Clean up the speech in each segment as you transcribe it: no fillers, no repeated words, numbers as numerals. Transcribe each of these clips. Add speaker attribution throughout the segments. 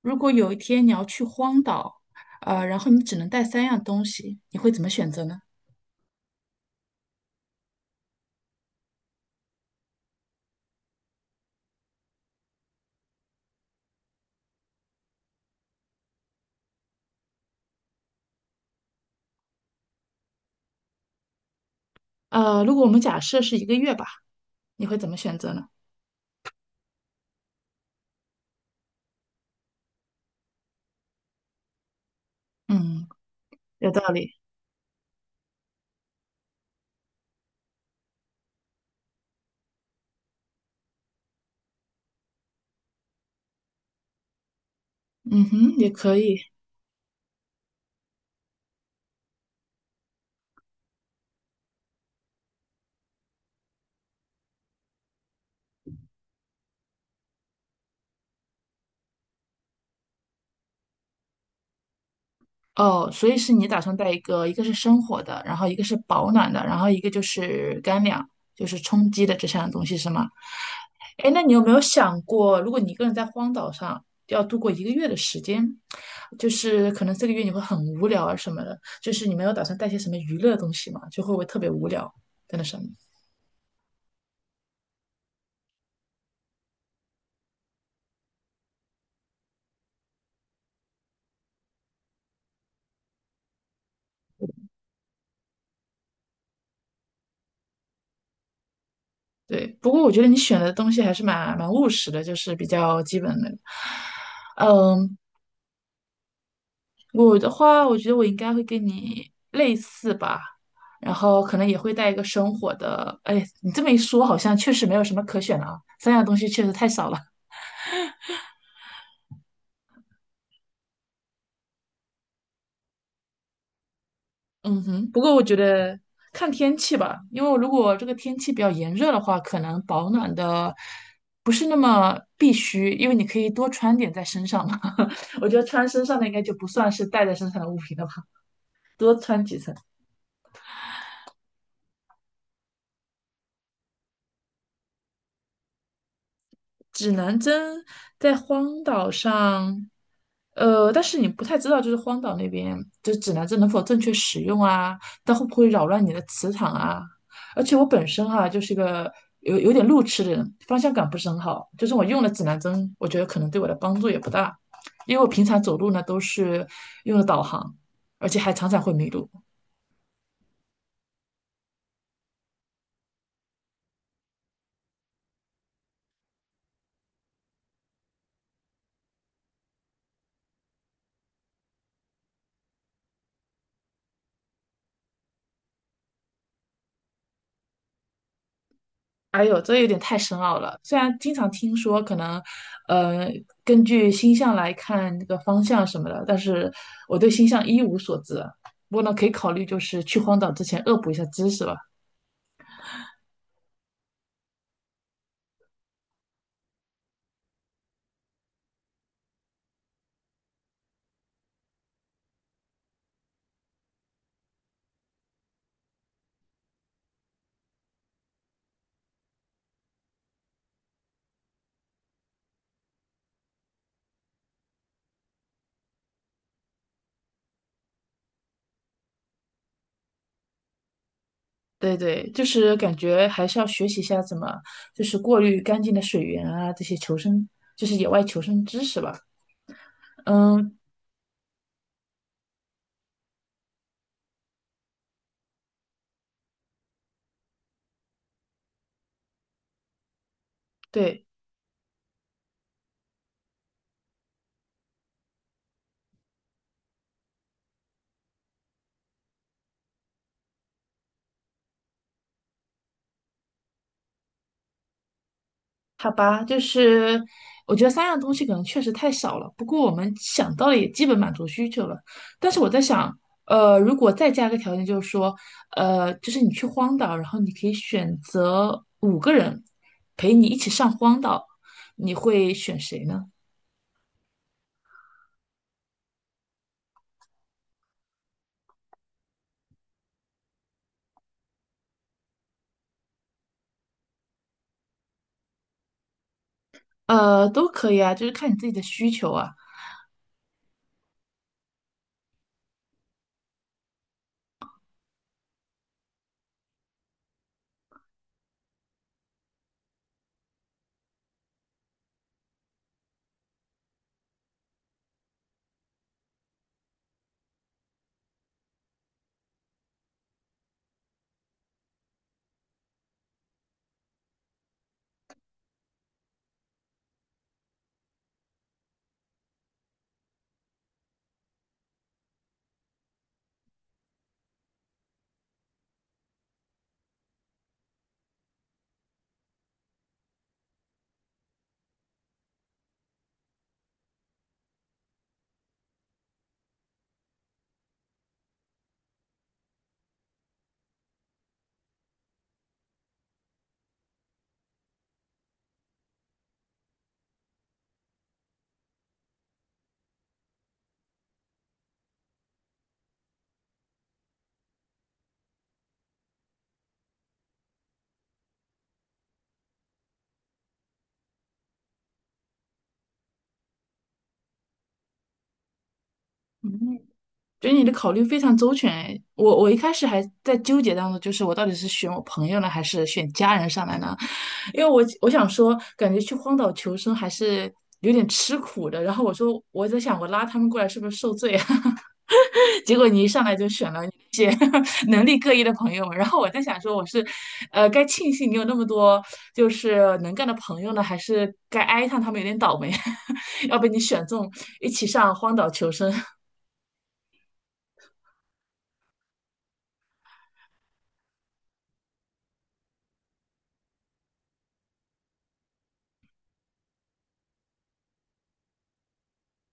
Speaker 1: 如果有一天你要去荒岛，然后你只能带三样东西，你会怎么选择呢？如果我们假设是一个月吧，你会怎么选择呢？嗯，有道理。嗯哼，也可以。哦，所以是你打算带一个，一个是生火的，然后一个是保暖的，然后一个就是干粮，就是充饥的这三样东西是吗？哎，那你有没有想过，如果你一个人在荒岛上要度过一个月的时间，就是可能这个月你会很无聊啊什么的，就是你没有打算带些什么娱乐的东西嘛，就会不会特别无聊在那上面？对，不过我觉得你选的东西还是蛮务实的，就是比较基本的。嗯，我的话，我觉得我应该会跟你类似吧，然后可能也会带一个生活的。哎，你这么一说，好像确实没有什么可选了啊，三样东西确实太少了。嗯哼，不过我觉得看天气吧，因为如果这个天气比较炎热的话，可能保暖的不是那么必须，因为你可以多穿点在身上嘛。我觉得穿身上的应该就不算是带在身上的物品了吧，多穿几层。指南针在荒岛上，但是你不太知道，就是荒岛那边，就是指南针能否正确使用啊？它会不会扰乱你的磁场啊？而且我本身哈、就是一个有点路痴的人，方向感不是很好，就是我用了指南针，我觉得可能对我的帮助也不大，因为我平常走路呢都是用了导航，而且还常常会迷路。哎呦，这有点太深奥了。虽然经常听说可能，呃，根据星象来看这个方向什么的，但是我对星象一无所知。不过呢，可以考虑就是去荒岛之前恶补一下知识吧。对对，就是感觉还是要学习一下怎么就是过滤干净的水源啊，这些求生就是野外求生知识吧。嗯，对。好吧，就是我觉得三样东西可能确实太少了，不过我们想到了也基本满足需求了。但是我在想，如果再加个条件，就是说，就是你去荒岛，然后你可以选择五个人陪你一起上荒岛，你会选谁呢？都可以啊，就是看你自己的需求啊。觉得你的考虑非常周全哎，我一开始还在纠结当中，就是我到底是选我朋友呢，还是选家人上来呢？因为我想说，感觉去荒岛求生还是有点吃苦的。然后我说我在想，我拉他们过来是不是受罪啊？结果你一上来就选了一些 能力各异的朋友们然后我在想说，我是，该庆幸你有那么多就是能干的朋友呢，还是该哀叹他们有点倒霉，要被你选中一起上荒岛求生，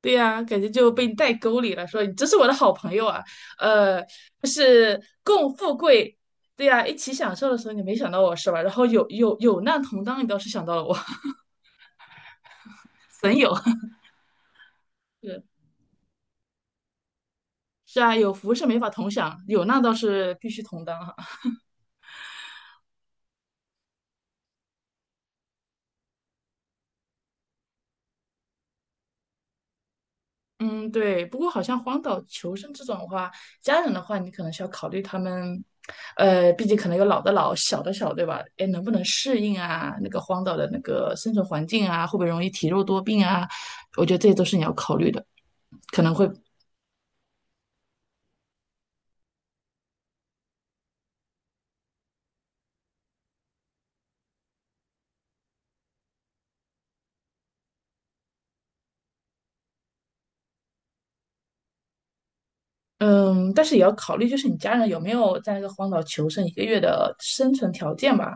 Speaker 1: 对呀，感觉就被你带沟里了，说你真是我的好朋友啊，呃，就是共富贵，对呀，一起享受的时候你没想到我是吧？然后有难同当，你倒是想到了我，损友 是是啊，有福是没法同享，有难倒是必须同当哈。嗯，对。不过好像荒岛求生这种的话，家人的话，你可能是要考虑他们，毕竟可能有老的老，小的小，对吧？哎，能不能适应啊？那个荒岛的那个生存环境啊，会不会容易体弱多病啊？我觉得这些都是你要考虑的，可能会嗯，但是也要考虑，就是你家人有没有在那个荒岛求生一个月的生存条件吧。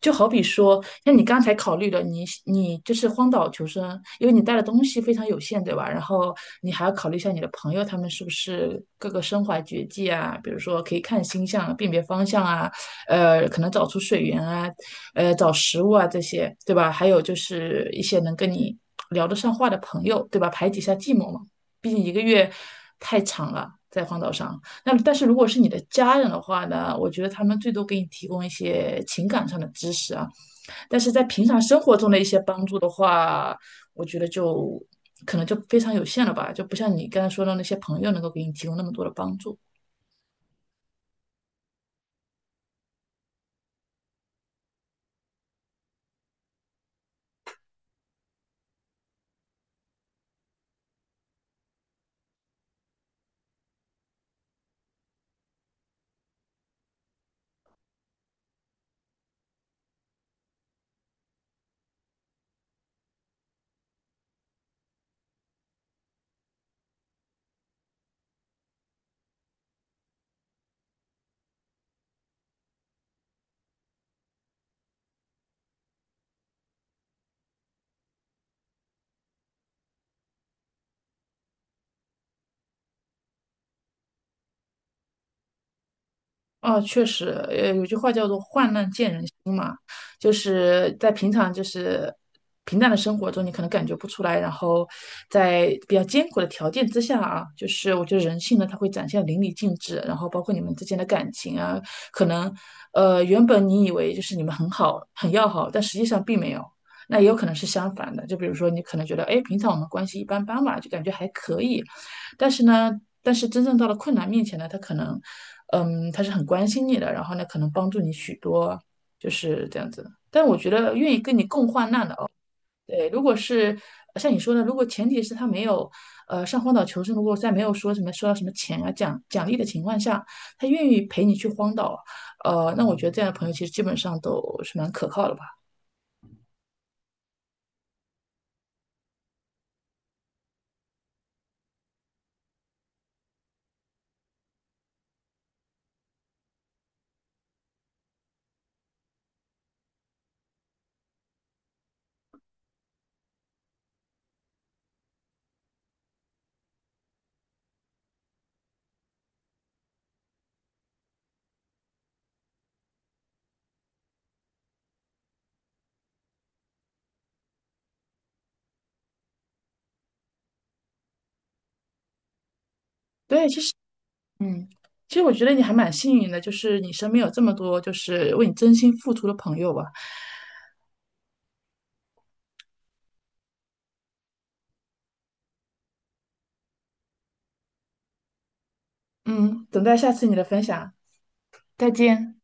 Speaker 1: 就好比说，像你刚才考虑的，你就是荒岛求生，因为你带的东西非常有限，对吧？然后你还要考虑一下你的朋友，他们是不是各个身怀绝技啊？比如说可以看星象啊、辨别方向啊，可能找出水源啊，找食物啊这些，对吧？还有就是一些能跟你聊得上话的朋友，对吧？排解一下寂寞嘛。毕竟一个月太长了，在荒岛上。那但是如果是你的家人的话呢，我觉得他们最多给你提供一些情感上的支持啊，但是在平常生活中的一些帮助的话，我觉得就可能就非常有限了吧，就不像你刚才说的那些朋友能够给你提供那么多的帮助。哦，确实，有句话叫做"患难见人心"嘛，就是在平常就是平淡的生活中，你可能感觉不出来，然后在比较艰苦的条件之下啊，就是我觉得人性呢，它会展现得淋漓尽致，然后包括你们之间的感情啊，可能原本你以为就是你们很好很要好，但实际上并没有。那也有可能是相反的，就比如说你可能觉得，哎，平常我们关系一般般嘛，就感觉还可以，但是呢，但是真正到了困难面前呢，他可能他是很关心你的，然后呢，可能帮助你许多，就是这样子的。但我觉得愿意跟你共患难的哦，对，如果是像你说的，如果前提是他没有，上荒岛求生，如果在没有说什么收到什么钱啊奖励的情况下，他愿意陪你去荒岛，那我觉得这样的朋友其实基本上都是蛮可靠的吧。对，其实，嗯，其实我觉得你还蛮幸运的，就是你身边有这么多就是为你真心付出的朋友吧。嗯，等待下次你的分享，再见。